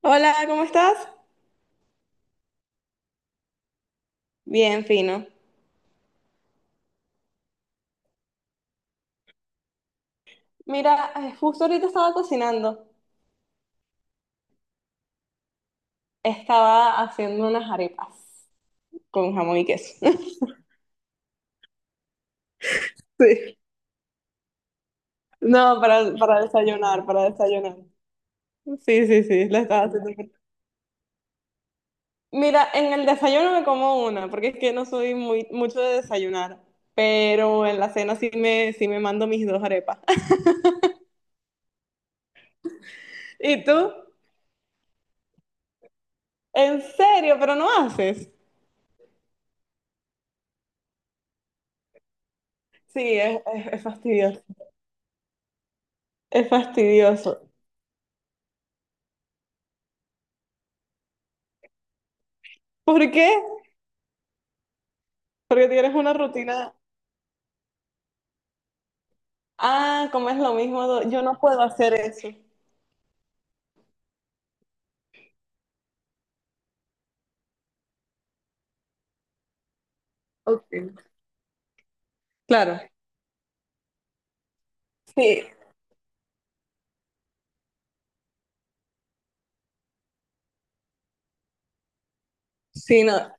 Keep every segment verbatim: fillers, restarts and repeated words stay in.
Hola, ¿cómo estás? Bien, fino. Mira, eh, justo ahorita estaba cocinando. Estaba haciendo unas arepas con jamón y queso. Sí. No, para, para desayunar, para desayunar. Sí, sí, sí, la estaba haciendo. Mira, en el desayuno me como una, porque es que no soy muy mucho de desayunar, pero en la cena sí me, sí me mando mis dos arepas. ¿Y tú? ¿En serio? ¿Pero no haces? Sí, es, es- es fastidioso. Es fastidioso. ¿Por qué? Porque tienes una rutina. Ah, como es lo mismo, do- yo no puedo hacer eso. Ok. Claro. Sí, sí, no.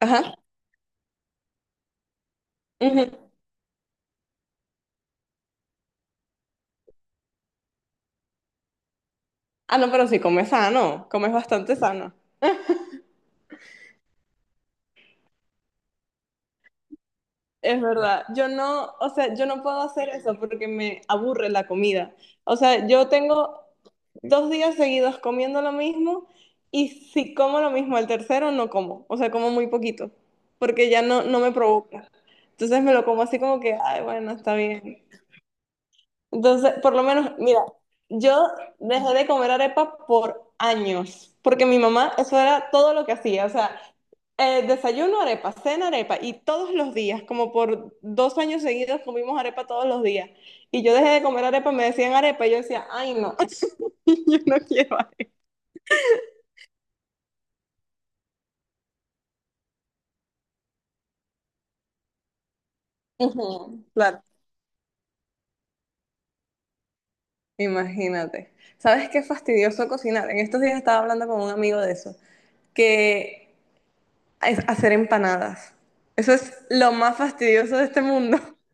Ajá. Ujú. Ah, no, pero sí, comes sano, comes bastante sano. Es verdad. Yo no, o sea, yo no puedo hacer eso porque me aburre la comida. O sea, yo tengo dos días seguidos comiendo lo mismo, y si como lo mismo el tercero, no como. O sea, como muy poquito porque ya no, no me provoca. Entonces me lo como así como que, ay, bueno, está bien. Entonces, por lo menos, mira, yo dejé de comer arepa por años, porque mi mamá, eso era todo lo que hacía, o sea, eh, desayuno arepa, cena arepa, y todos los días, como por dos años seguidos comimos arepa todos los días. Y yo dejé de comer arepa, me decían arepa, y yo decía, ay, no, yo no quiero arepa. Ujú, claro, imagínate. ¿Sabes qué fastidioso cocinar? En estos días estaba hablando con un amigo de eso, que es hacer empanadas. Eso es lo más fastidioso de este mundo.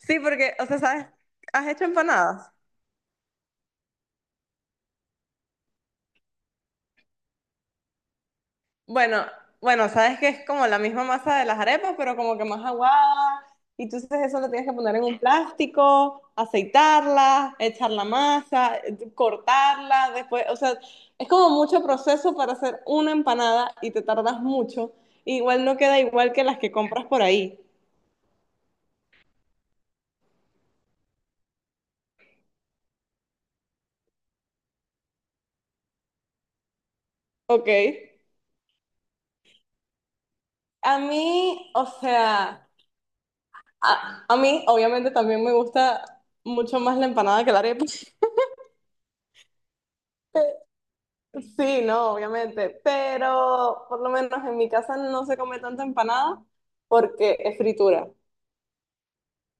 Sí, porque, o sea, ¿sabes? ¿Has hecho empanadas? Bueno, bueno, sabes que es como la misma masa de las arepas, pero como que más aguada. Y tú entonces eso lo tienes que poner en un plástico, aceitarla, echar la masa, eh, cortarla, después, o sea, es como mucho proceso para hacer una empanada y te tardas mucho. Igual no queda igual que las que compras por ahí. Ok. A mí, o sea, A, a mí, obviamente, también me gusta mucho más la empanada que la arepa. Sí, no, obviamente, pero por lo menos en mi casa no se come tanta empanada porque es fritura.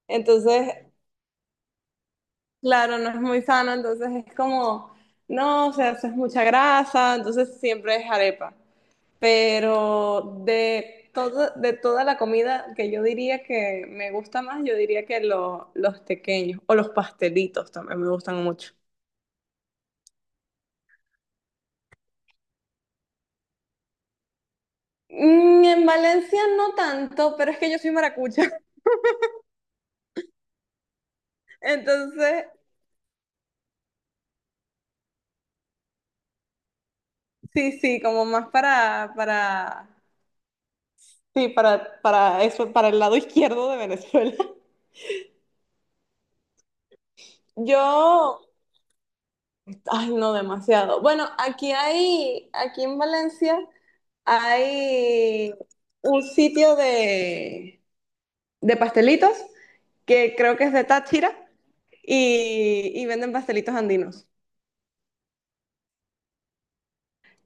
Entonces, claro, no es muy sano, entonces es como, no, o sea, eso es mucha grasa, entonces siempre es arepa. Pero de todo, de toda la comida que yo diría que me gusta más, yo diría que lo- los tequeños o los pastelitos también me gustan mucho. Mm, En Valencia no tanto, pero es que yo soy maracucha. Entonces, sí, sí, como más para, para, sí, para, para eso, para el lado izquierdo de Venezuela. Yo, ay, no demasiado. Bueno, aquí hay, aquí en Valencia hay un sitio de, de pastelitos que creo que es de Táchira y, y venden pastelitos andinos.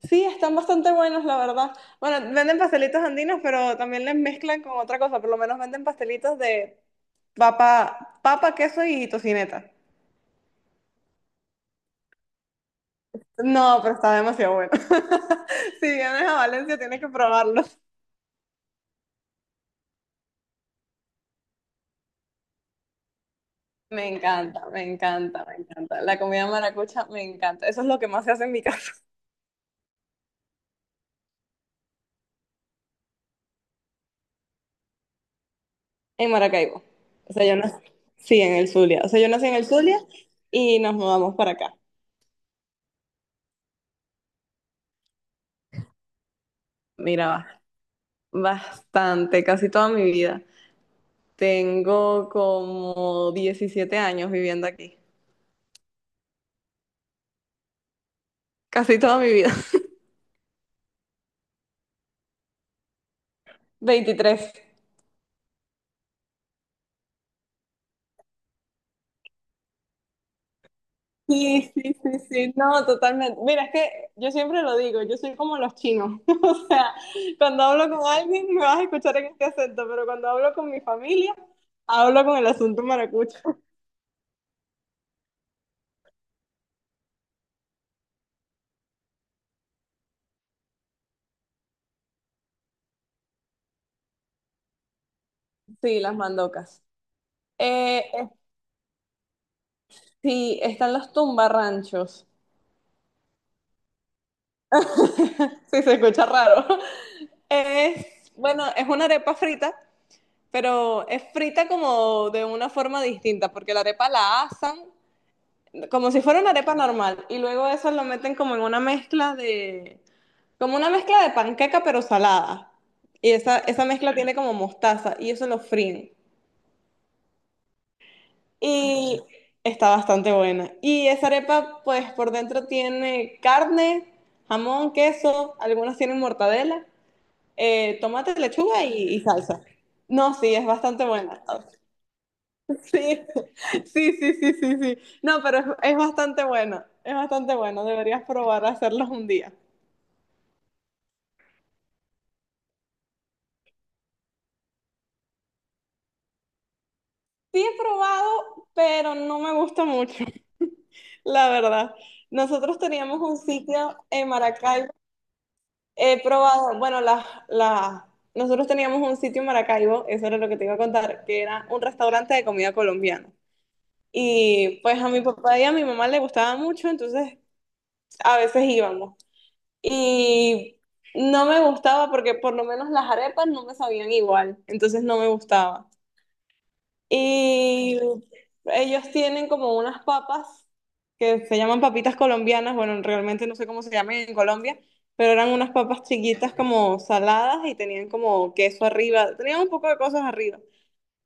Sí, están bastante buenos, la verdad. Bueno, venden pastelitos andinos, pero también les mezclan con otra cosa. Por lo menos venden pastelitos de papa, papa, queso y tocineta. No, pero está demasiado bueno. Si vienes a Valencia, tienes que probarlos. Me encanta, me encanta, me encanta. La comida maracucha me encanta. Eso es lo que más se hace en mi casa, en Maracaibo. O sea, yo nací, sí, en el Zulia. O sea, yo nací en el Zulia y nos mudamos para acá. Mira, va, bastante, casi toda mi vida. Tengo como diecisiete años viviendo aquí, casi toda mi vida. Veintitrés. Sí, sí, sí, sí, no, totalmente. Mira, es que yo siempre lo digo, yo soy como los chinos. O sea, cuando hablo con alguien me vas a escuchar en este acento, pero cuando hablo con mi familia, hablo con el asunto maracucho. Sí, las mandocas. Eh, eh, sí, están los tumbarranchos. Sí, se escucha raro. Es, bueno, es una arepa frita, pero es frita como de una forma distinta, porque la arepa la asan como si fuera una arepa normal y luego eso lo meten como en una mezcla de, como una mezcla de panqueca pero salada. Y esa, esa mezcla tiene como mostaza y eso lo fríen. Y está bastante buena. Y esa arepa pues por dentro tiene carne, jamón, queso, algunas tienen mortadela, eh, tomate, lechuga y, y salsa. No, sí, es bastante buena. Sí, sí, sí, sí, sí, sí. No, pero es, es bastante bueno, es bastante bueno. Deberías probar a hacerlos un día. Sí he probado, pero no me gusta mucho, la verdad. Nosotros teníamos un sitio en Maracaibo. He probado, bueno, las, las, nosotros teníamos un sitio en Maracaibo, eso era lo que te iba a contar, que era un restaurante de comida colombiana. Y pues a mi papá y a mi mamá le gustaba mucho, entonces a veces íbamos. Y no me gustaba porque por lo menos las arepas no me sabían igual, entonces no me gustaba. Y ellos tienen como unas papas que se llaman papitas colombianas, bueno, realmente no sé cómo se llaman en Colombia, pero eran unas papas chiquitas como saladas y tenían como queso arriba, tenían un poco de cosas arriba.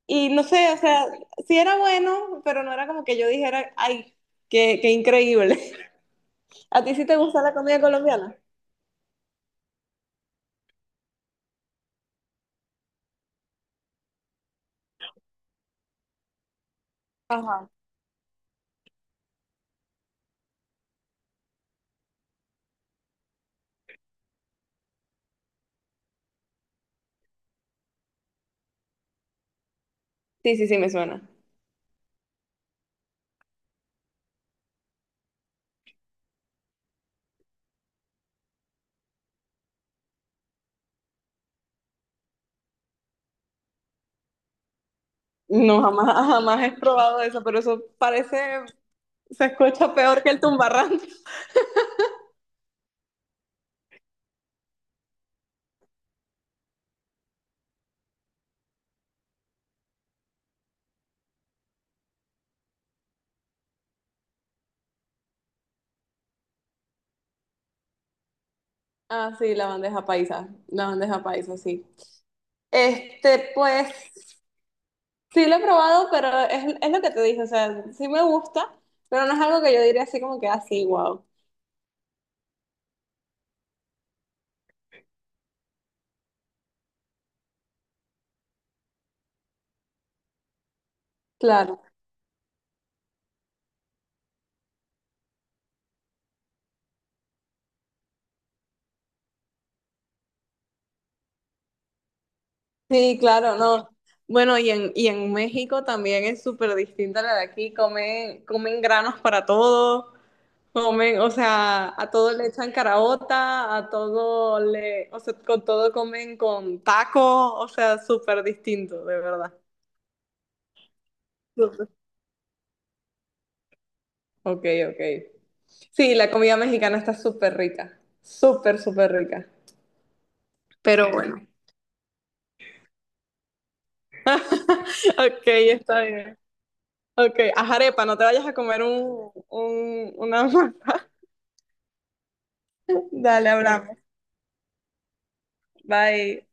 Y no sé, o sea, sí era bueno, pero no era como que yo dijera, ay, qué, qué increíble. ¿A ti sí te gusta la comida colombiana? Ajá. Sí, sí, sí, me suena. No, jamás, jamás he probado eso, pero eso parece, se escucha peor que el tumbarrán. Ah, sí, la bandeja paisa, la bandeja paisa, sí. Este, pues sí lo he probado, pero es, es lo que te dije, o sea, sí me gusta, pero no es algo que yo diría así como que así, wow. Claro, sí, claro, no. Bueno, y en, y en México también es súper distinta a la de aquí, comen, comen granos para todo. Comen, o sea, a todo le echan caraota, a todo le, o sea, con todo comen con taco, o sea, súper distinto, de verdad. Súper. Ok, ok. Sí, la comida mexicana está súper rica, súper, súper rica. Pero bueno. Ok, está bien. Ok, haz arepa, no te vayas a comer un, un, una masa. Dale, hablamos. Bye.